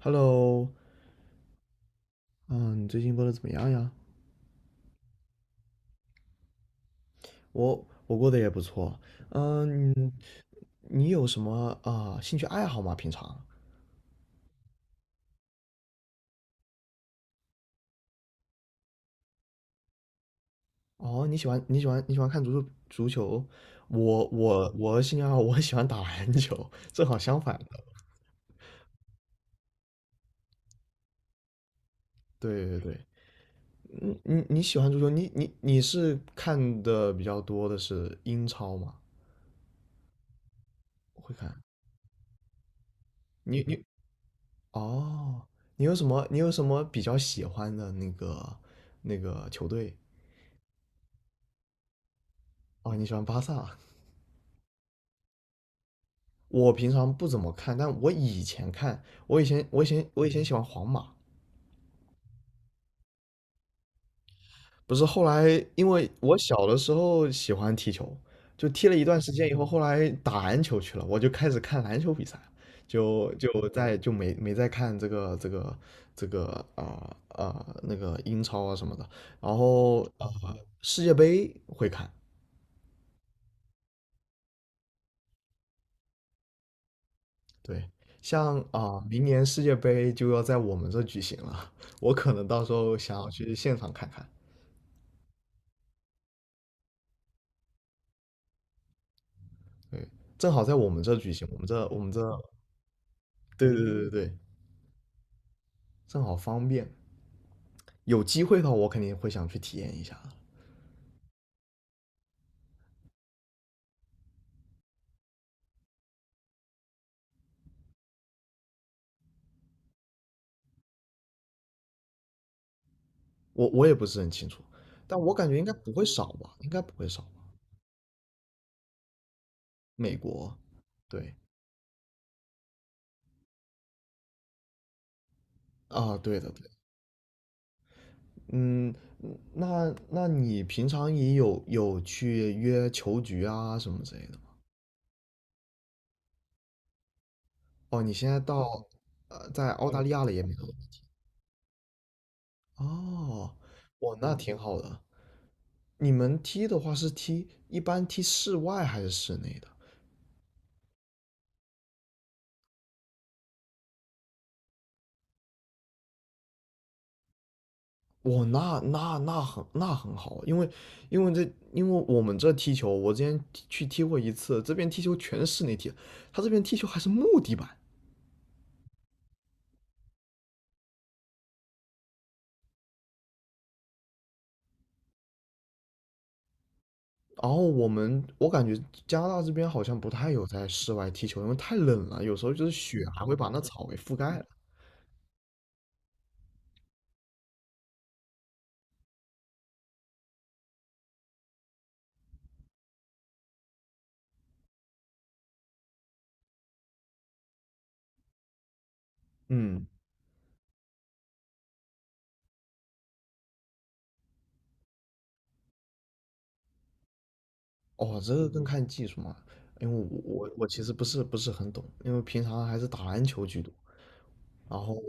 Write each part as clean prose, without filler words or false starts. Hello，嗯，你最近过得怎么样呀？我过得也不错。嗯，你有什么兴趣爱好吗？平常？哦，你喜欢看足球？我兴趣爱好我喜欢打篮球，正好相反的。对对对，嗯你喜欢足球？你是看的比较多的是英超吗？会看。你你哦，你有什么比较喜欢的那个球队？哦，你喜欢巴萨？我平常不怎么看，但我以前看，我以前喜欢皇马，不是后来因为我小的时候喜欢踢球，就踢了一段时间以后，后来打篮球去了，我就开始看篮球比赛，就没再看这个啊啊、呃那个英超啊什么的，然后啊世界杯会看，对，像明年世界杯就要在我们这举行了，我可能到时候想要去现场看看。对，正好在我们这举行，我们这，对对对对对，正好方便。有机会的话，我肯定会想去体验一下的。我也不是很清楚，但我感觉应该不会少吧，应该不会少吧。美国，对啊，对的，对的，嗯，那你平常也有去约球局啊什么之类的吗？哦，你现在在澳大利亚了也没有？哦，哇，那挺好的。你们踢的话是踢一般踢室外还是室内的？哇，那很好啊，因为我们这踢球，我之前去踢过一次，这边踢球全是室内踢，他这边踢球还是木地板。然后我感觉加拿大这边好像不太有在室外踢球，因为太冷了，有时候就是雪还会把那草给覆盖了。嗯，哦，这个更看技术嘛，因为我其实不是很懂，因为平常还是打篮球居多。然后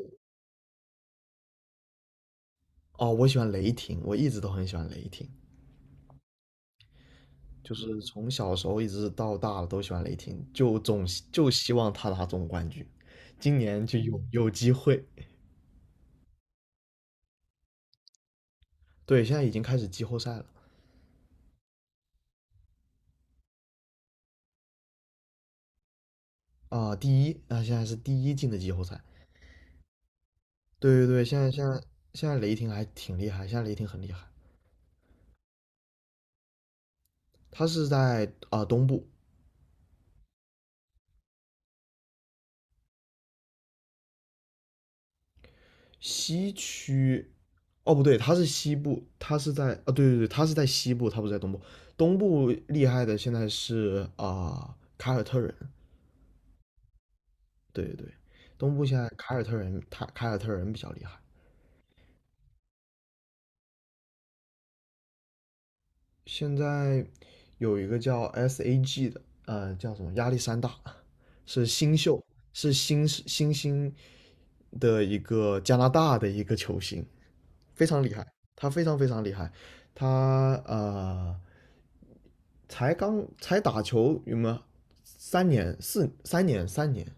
哦，我喜欢雷霆，我一直都很喜欢雷霆，就是从小时候一直到大了都喜欢雷霆，就希望他拿总冠军，今年就有机会。对，现在已经开始季后赛了啊，第一，现在是第一进的季后赛。对对对，现在雷霆还挺厉害，现在雷霆很厉害，他是在东部，西区，哦不对，它是西部，它是在对对对，它是在西部，它不是在东部。东部厉害的现在是凯尔特人，对对对，东部现在凯尔特人，他凯尔特人比较厉害。现在有一个叫 SAG 的，叫什么亚历山大，是新秀，是新星的一个加拿大的一个球星，非常厉害，他非常非常厉害。他才刚才打球有吗？三年，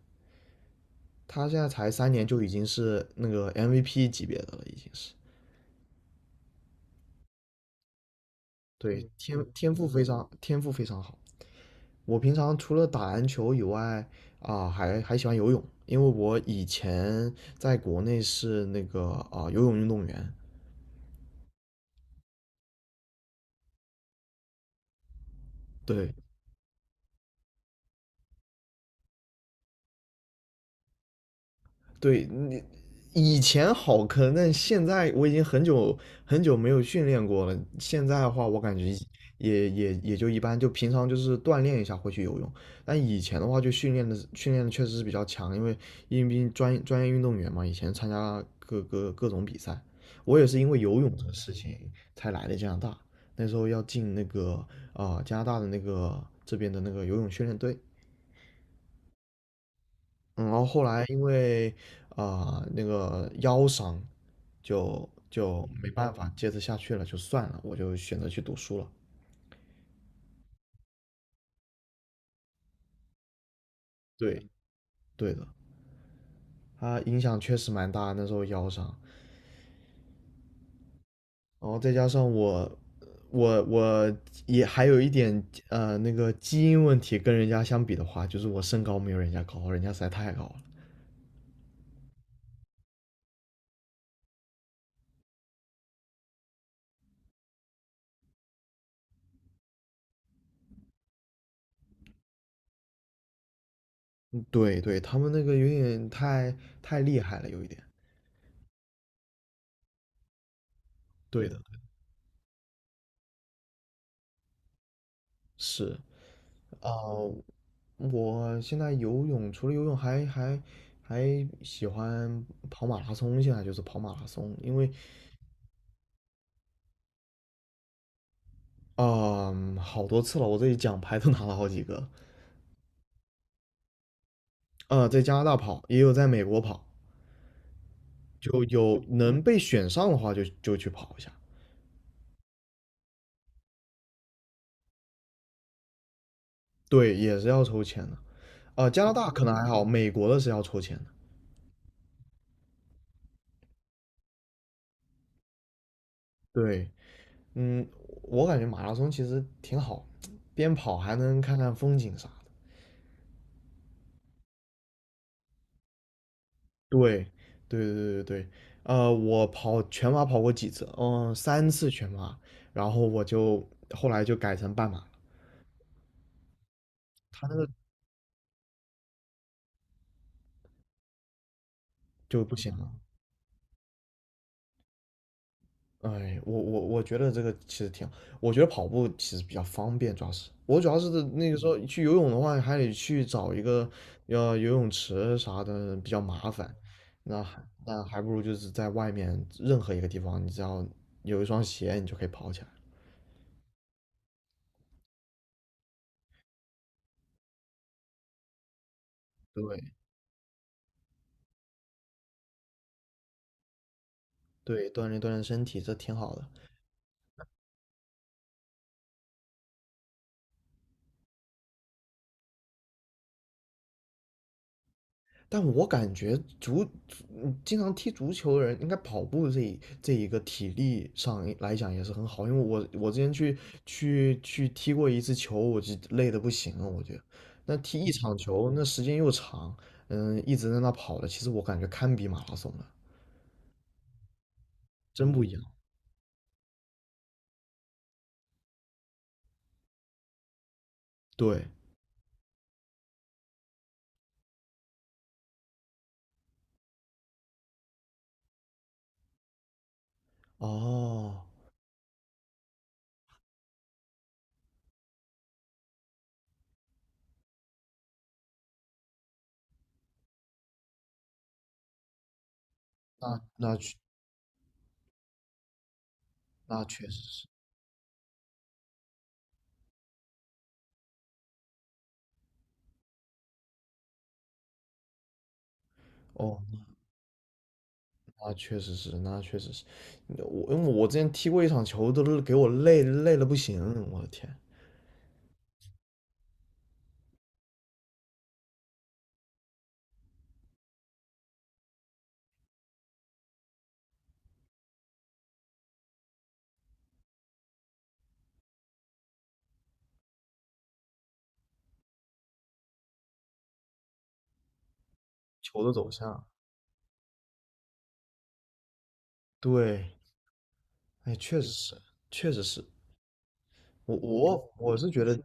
他现在才三年就已经是那个 MVP 级别的了，已经是。对，天赋非常好。我平常除了打篮球以外啊，还喜欢游泳，因为我以前在国内是那个游泳运动员，对，对你以前好坑，但现在我已经很久很久没有训练过了。现在的话，我感觉也就一般，就平常就是锻炼一下会去游泳。但以前的话，就训练的确实是比较强，因为专业运动员嘛，以前参加各种比赛。我也是因为游泳这个事情才来的加拿大，那时候要进那个加拿大的那个这边的那个游泳训练队。嗯，然后后来因为那个腰伤，就没办法接着下去了，就算了，我就选择去读书了。对，对的，它影响确实蛮大，那时候腰伤，然后再加上我也还有一点那个基因问题，跟人家相比的话，就是我身高没有人家高，人家实在太高了。对对，他们那个有点太厉害了，有一点。对的，是。啊，我现在游泳，除了游泳还喜欢跑马拉松。现在就是跑马拉松，因为啊，好多次了，我这己奖牌都拿了好几个。在加拿大跑，也有在美国跑，就有能被选上的话就去跑一下。对，也是要抽签的。加拿大可能还好，美国的是要抽签的。对，嗯，我感觉马拉松其实挺好，边跑还能看看风景啥的。对，对对对对对，我跑全马跑过几次，三次全马，然后我就后来就改成半马了，他那个就不行了。哎，我觉得这个其实挺好，我觉得跑步其实比较方便，主要是那个时候去游泳的话，还得去找一个游泳池啥的比较麻烦，那还不如就是在外面任何一个地方，你只要有一双鞋，你就可以跑起来。对对，锻炼锻炼身体，这挺好的。但我感觉经常踢足球的人，应该跑步这一个体力上来讲也是很好，因为我之前去踢过一次球，我就累的不行了，我觉得，那踢一场球那时间又长，嗯，一直在那跑的，其实我感觉堪比马拉松了，真不一样。对，哦，那那确那确实是，哦，那确实是，那确实是，我因为我之前踢过一场球，都给我累的不行，我的天。球的走向。对，哎，确实是，确实是。我是觉得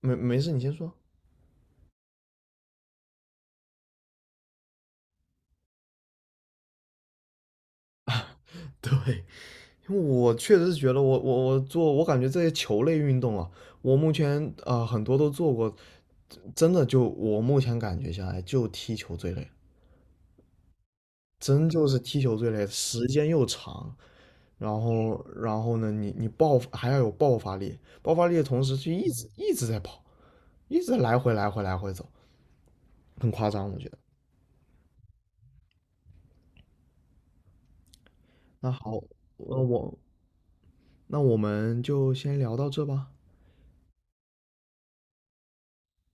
没事，你先说。对，因为我确实是觉得我感觉这些球类运动啊，我目前很多都做过，真的就我目前感觉下来就踢球最累，真就是踢球最累，时间又长，然后呢，你还要有爆发力，爆发力的同时就一直一直在跑，一直来回来回来回走，很夸张，我觉得。那好，呃，我那我们就先聊到这吧。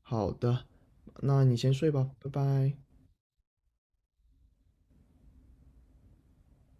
好的，那你先睡吧，拜拜。